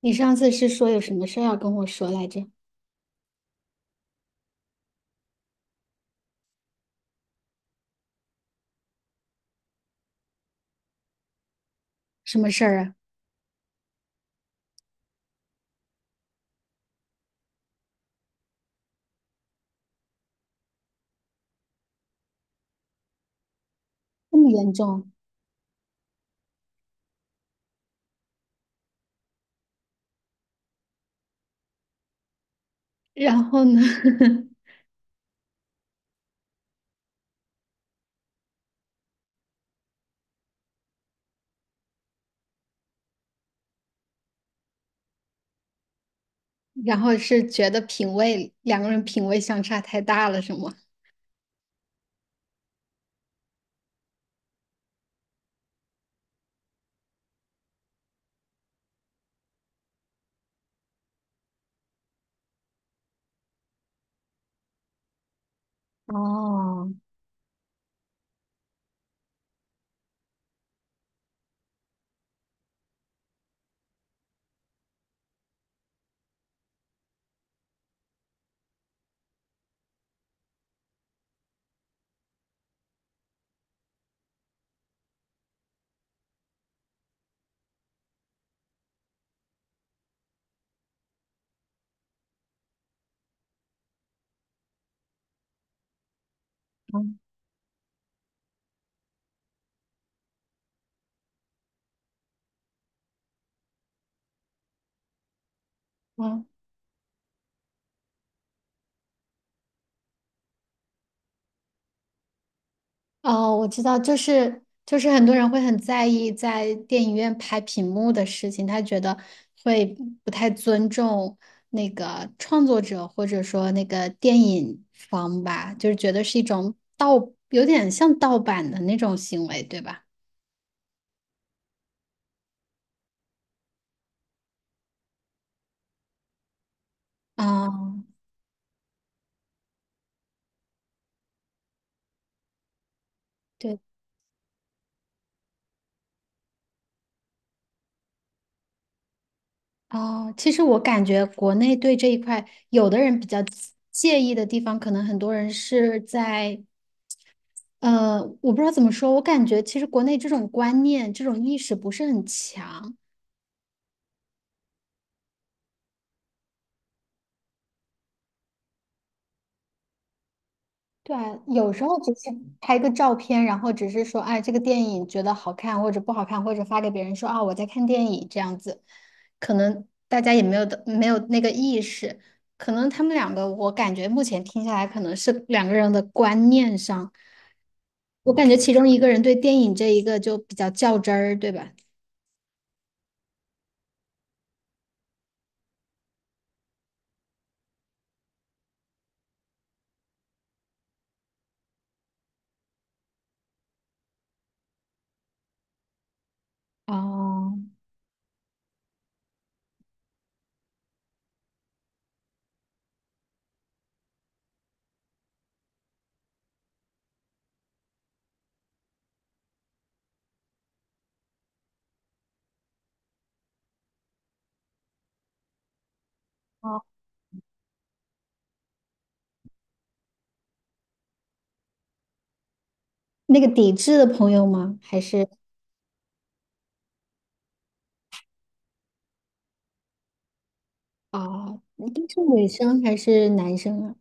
你上次是说有什么事儿要跟我说来着？什么事儿啊？这么严重？然后呢？然后是觉得品味，两个人品味相差太大了，是吗？哦，嗯嗯，哦，我知道，就是很多人会很在意在电影院拍屏幕的事情，他觉得会不太尊重那个创作者或者说那个电影方吧，就是觉得是一种盗，有点像盗版的那种行为，对吧？啊，对啊，其实我感觉国内对这一块，有的人比较介意的地方，可能很多人是在我不知道怎么说，我感觉其实国内这种观念、这种意识不是很强。对啊，有时候只是拍个照片，然后只是说，哎，这个电影觉得好看或者不好看，或者发给别人说啊，我在看电影这样子，可能大家也没有的没有那个意识，可能他们两个，我感觉目前听下来，可能是两个人的观念上，我感觉其中一个人对电影这一个就比较较真儿，对吧？哦，哦，那个抵制的朋友吗？还是啊，哦你是女生还是男生啊？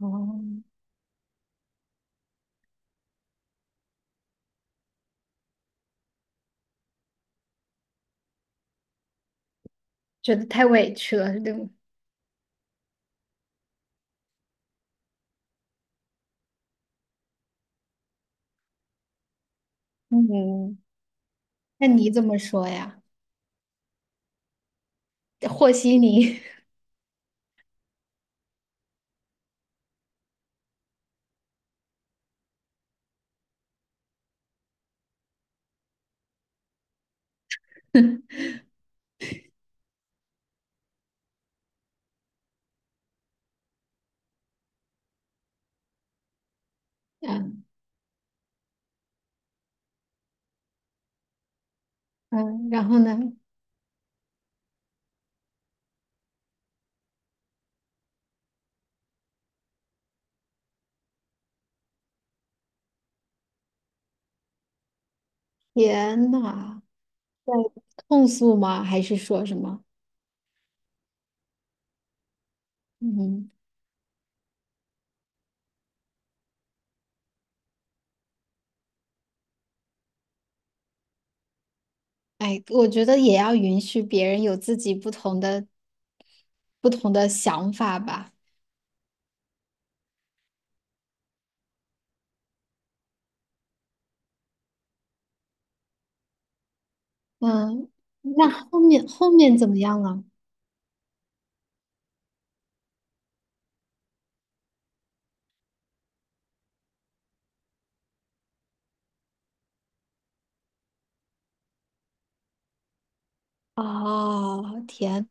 哦。觉得太委屈了，对吗？嗯，那你怎么说呀？和稀泥。嗯，嗯，然后呢？天呐，在控诉吗？还是说什么？嗯，哎，我觉得也要允许别人有自己不同的不同的想法吧。嗯，那后面怎么样了？哦，天，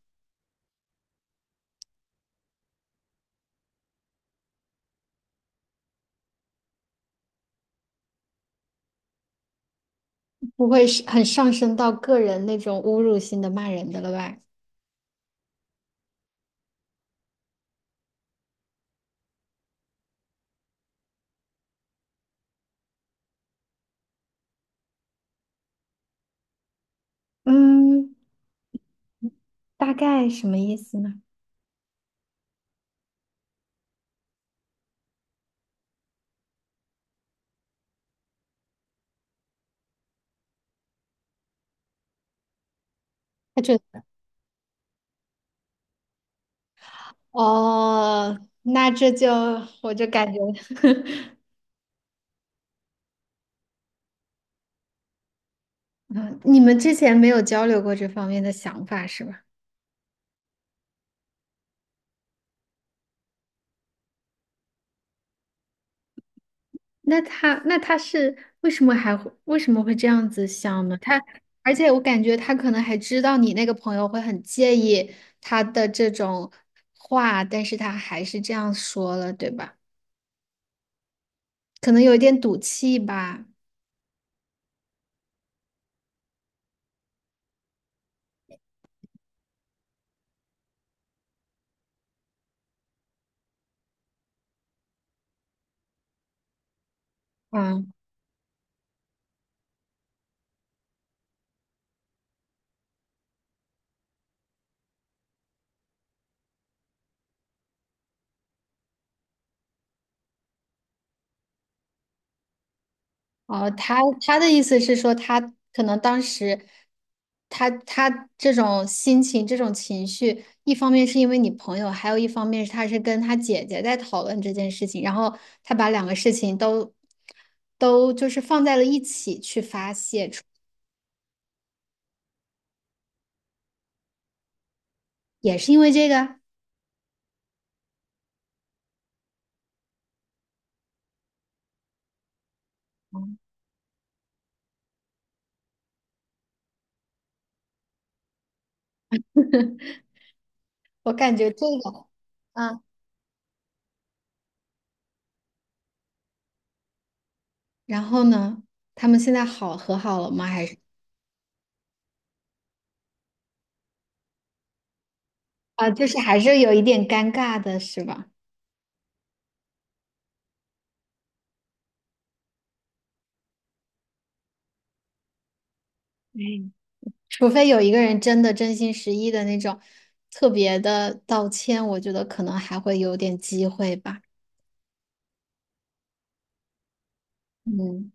不会是很上升到个人那种侮辱性的骂人的了吧？嗯，大概什么意思呢？他觉得哦，那这就我就感觉，嗯你们之前没有交流过这方面的想法是吧？那他是为什么会这样子想呢？他而且我感觉他可能还知道你那个朋友会很介意他的这种话，但是他还是这样说了，对吧？可能有一点赌气吧。嗯。哦，他的意思是说，他可能当时他这种心情、这种情绪，一方面是因为你朋友，还有一方面是他是跟他姐姐在讨论这件事情，然后他把两个事情都就是放在了一起去发泄出，也是因为这个，嗯我感觉这个，嗯，然后呢，他们现在好和好了吗？还是啊，就是还是有一点尴尬的，是吧？嗯。除非有一个人真的真心实意的那种特别的道歉，我觉得可能还会有点机会吧。嗯，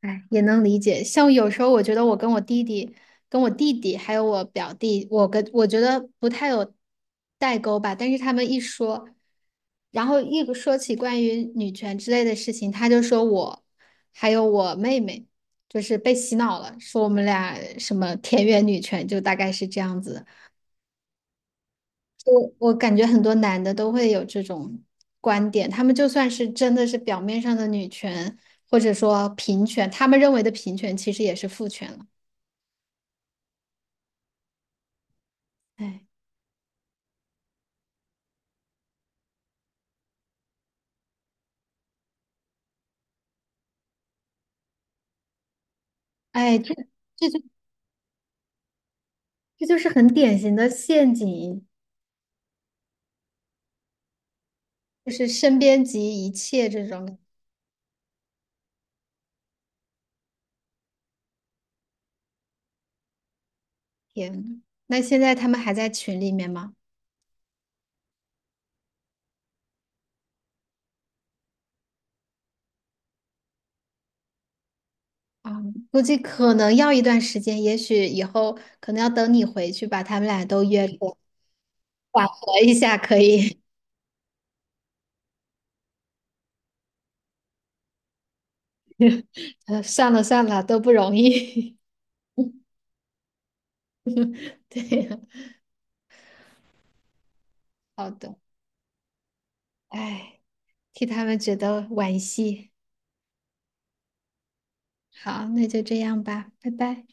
哎，也能理解。像有时候我觉得我跟我弟弟、跟我弟弟还有我表弟，我跟我觉得不太有代沟吧。但是他们一说，然后一说起关于女权之类的事情，他就说我还有我妹妹就是被洗脑了，说我们俩什么田园女权，就大概是这样子的。我我感觉很多男的都会有这种观点，他们就算是真的是表面上的女权，或者说平权，他们认为的平权其实也是父权了。哎，哎，这这就是很典型的陷阱，就是身边及一切这种。天，那现在他们还在群里面吗？啊、估计可能要一段时间，也许以后可能要等你回去把他们俩都约出来，缓和一下可以。呃，算了算了，都不容易。对呀，好的，哎，替他们觉得惋惜。好，那就这样吧，拜拜。